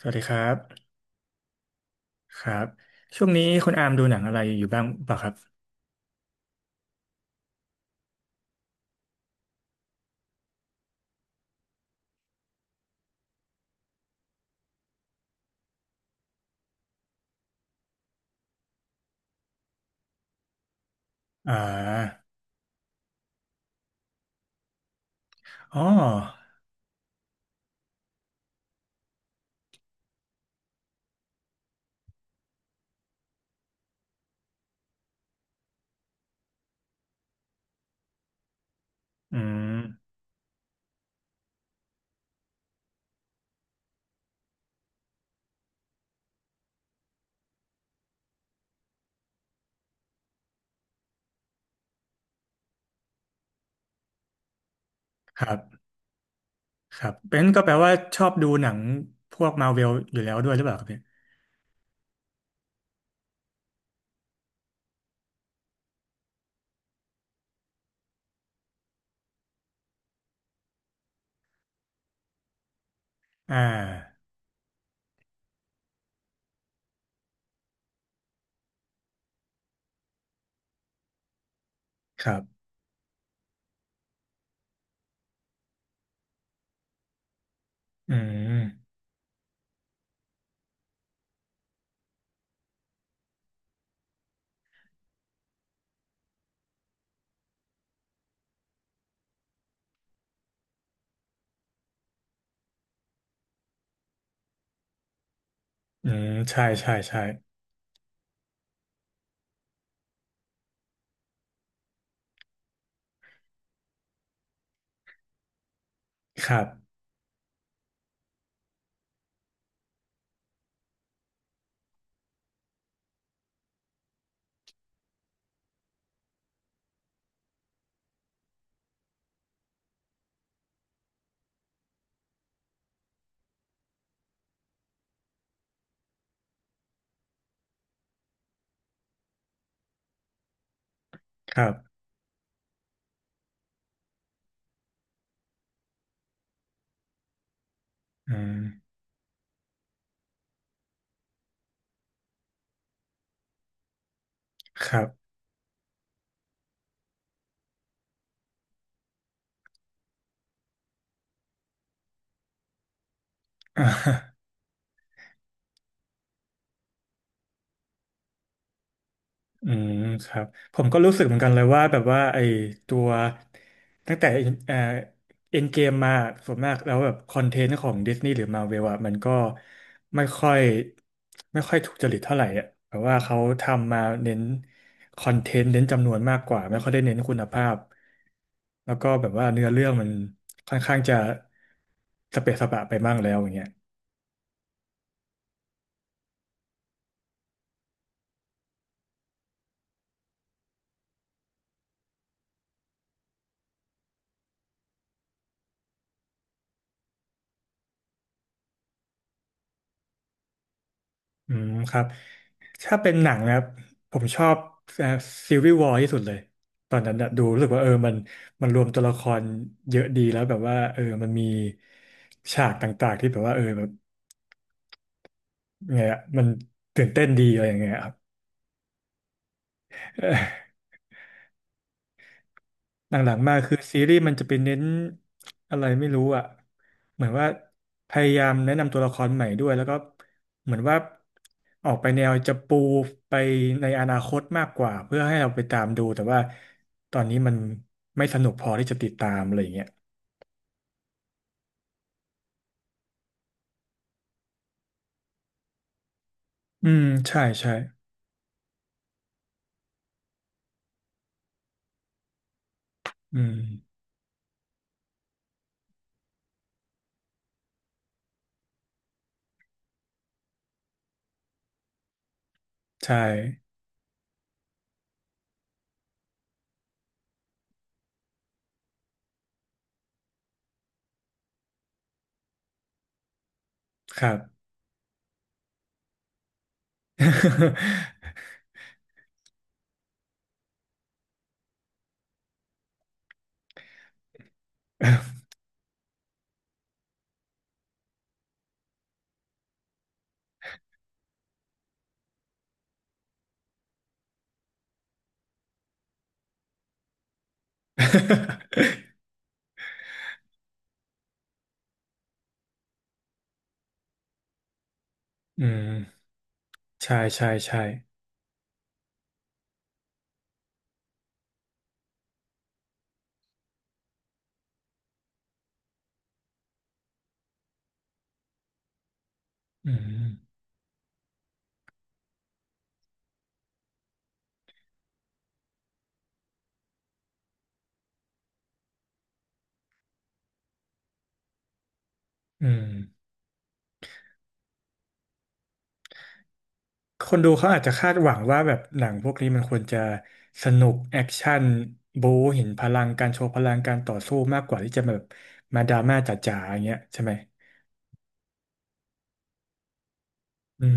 สวัสดีครับครับช่วงนี้คุณอามดูหนังอะไรอยู่บ้างเปล่าครับอ่าอ๋ออืมครับครับเป็นก็แปลว่าชอบดูหนังพวกมาร v เวลอยู่แล้วด้วยหรือเปล่าครับเนี่ยอ่าครับอืมอืมใช่ใช่ใช่ครับครับอืมครับอ่า อืมครับผมก็รู้สึกเหมือนกันเลยว่าแบบว่าไอ้ตัวตั้งแต่เอ่อเอ็นเกมมาส่วนมากแล้วแบบคอนเทนต์ของดิสนีย์หรือมาเวลอะมันก็ไม่ค่อยไม่ค่อยถูกจริตเท่าไหร่อ่ะแบบว่าเขาทำมาเน้นคอนเทนต์เน้นจำนวนมากกว่าไม่ค่อยได้เน้นคุณภาพแล้วก็แบบว่าเนื้อเรื่องมันค่อนข้างจะสเปะสปะไปบ้างแล้วอย่างเงี้ย อืมครับถ้าเป็นหนังนะครับผมชอบซีรีส์วอร์ที่สุดเลยตอนนั้นน่ะดูรู้สึกว่าเออมันรวมตัวละครเยอะดีแล้วแบบว่าเออมันมีฉากต่างๆที่แบบว่าเออแบบไงอะมันตื่นเต้นดีอะไรอย่างเงี้ยครับ หลังๆมาคือซีรีส์มันจะไปเน้นอะไรไม่รู้อ่ะเหมือนว่าพยายามแนะนำตัวละครใหม่ด้วยแล้วก็เหมือนว่าออกไปแนวจะปูไปในอนาคตมากกว่าเพื่อให้เราไปตามดูแต่ว่าตอนนี้มันไม่สนุกพอที่จะติดตามอะไรอย่างเงี้ยอืมใช่ใช่อืมใช่ครับ อืมใช่ใช่ใช่อืมอืม คนดูเขาอาจจะคาดหวังว่าแบบหนังพวกนี้มันควรจะสนุกแอคชั่นบู๊เห็นพลังการโชว์พลังการต่อสู้มากกว่าที่จะแบบมาดราม่าจ๋าๆอย่างเงี้ยใช่ไหมอืม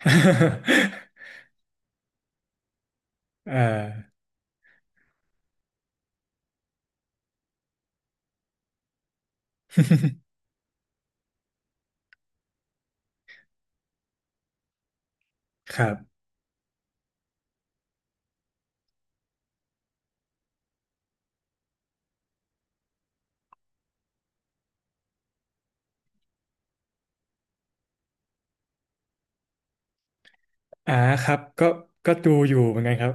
เอ่อ ครับอ่าครับก็ดูอยู่เหมือนกันครับ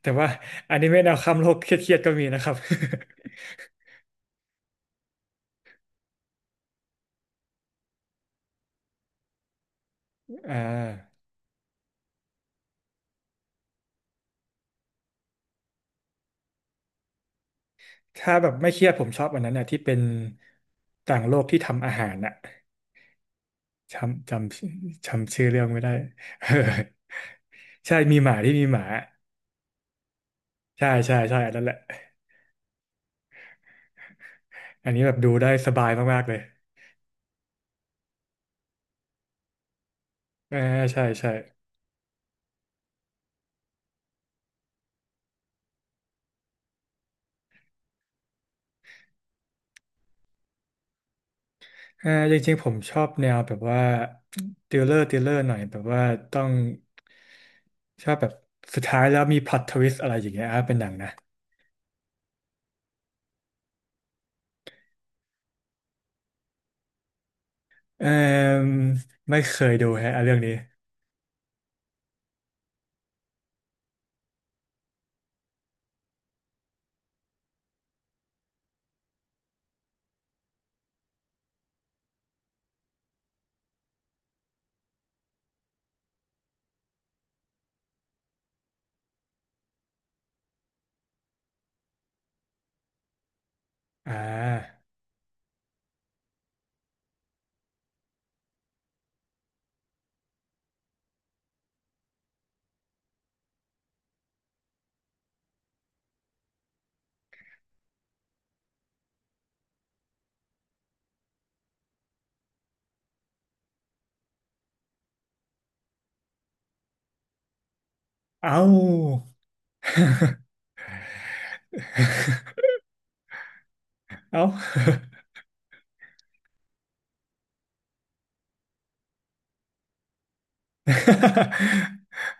แต่ว่าอันนี้ไม่แนวคำโลกเครียดๆก็มีนะครับ อ่าถ้าแบบไม่เครียดผมชอบอันนั้นนะที่เป็นต่างโลกที่ทำอาหารน่ะจำจจำชื่อเรื่องไม่ได้ ใช่มีหมาที่มีหมาใช่ใช่ใช่อันนั้นแหละอันนี้แบบดูได้สบายมากๆเลยอ่าใช่ใช่อ่าจริงๆผมชอบแนวแบบว่าติลเลอร์หน่อยแบบว่าต้องชอบแบบสุดท้ายแล้วมีพล็อตทวิสอะไรอย่างเงี้ยอ่ะเป็นหนังนะเออไม่เคยดูฮะอ่ะเรื่องนี้อ่าเอ้า เอ้า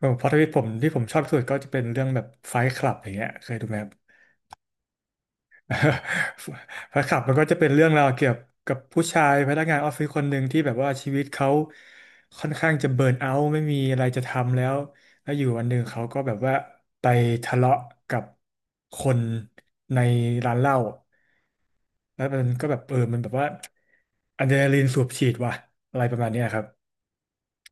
ผมพล็อตทวิสผมที่ผมชอบที่สุดก็จะเป็นเรื่องแบบไฟท์คลับอย่างเงี้ยเคยดูไหม แฟนคลับมันก็จะเป็นเรื่องราวเกี่ยวกับผู้ชายพนักงานออฟฟิศคนหนึ่งที่แบบว่าชีวิตเขาค่อนข้างจะเบิร์นเอาท์ไม่มีอะไรจะทำแล้วแล้วอยู่วันหนึ่งเขาก็แบบว่าไปทะเลาะกับคนในร้านเหล้าแล้วมันก็แบบเออมันแบบว่าอะดรีนาลีนสูบฉีดว่ะอะไรประมาณเนี้ยครับ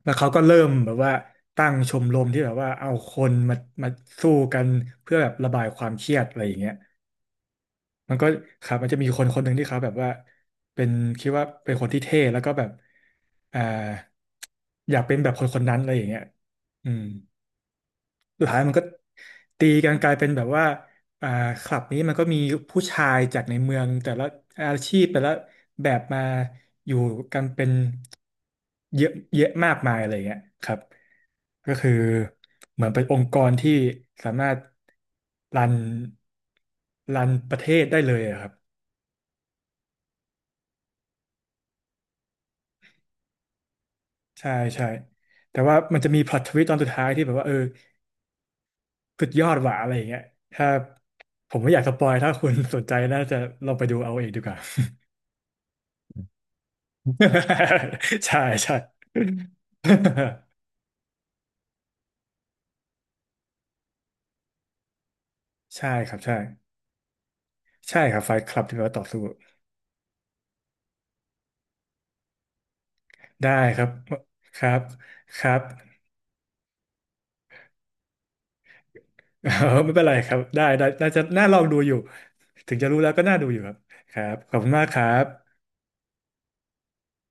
แล้วเขาก็เริ่มแบบว่าตั้งชมรมที่แบบว่าเอาคนมาสู้กันเพื่อแบบระบายความเครียดอะไรอย่างเงี้ย มันก็ครับมันจะมีคนคนหนึ่งที่เขาแบบว่าเป็นคิดว่าเป็นคนที่เท่แล้วก็แบบอ่าอยากเป็นแบบคนคนนั้นอะไรอย่างเงี้ยอืมสุดท้ายมันก็ตีกันกลายเป็นแบบว่าอ่าคลับนี้มันก็มีผู้ชายจากในเมืองแต่ละอาชีพแต่ละแบบมาอยู่กันเป็นเยอะเยอะมากมายอะไรอย่างเงี้ยครับก็คือเหมือนเป็นองค์กรที่สามารถรันรันประเทศได้เลยอะครับ ใช่ใช่แต่ว่ามันจะมีพล็อตทวิตตอนสุดท้ายที่แบบว่าเออสุดยอดหวาอะไรอย่างเงี้ยถ้าผมไม่อยากสปอยถ้าคุณสนใจน่าจะลองไปดูเอาเองดีกว่า ใช่ใช่ ใช่ครับใช่ใช่ครับไฟท์คลับที่แปลว่าต่อสู้ได้ครับครับครับ เออไม่เป็นไรครับได้ได้น่าจะน่าลองดูอยู่ถึงจะรู้แล้วก็น่าดูอยู่ครับครับขอบคุณมากครับ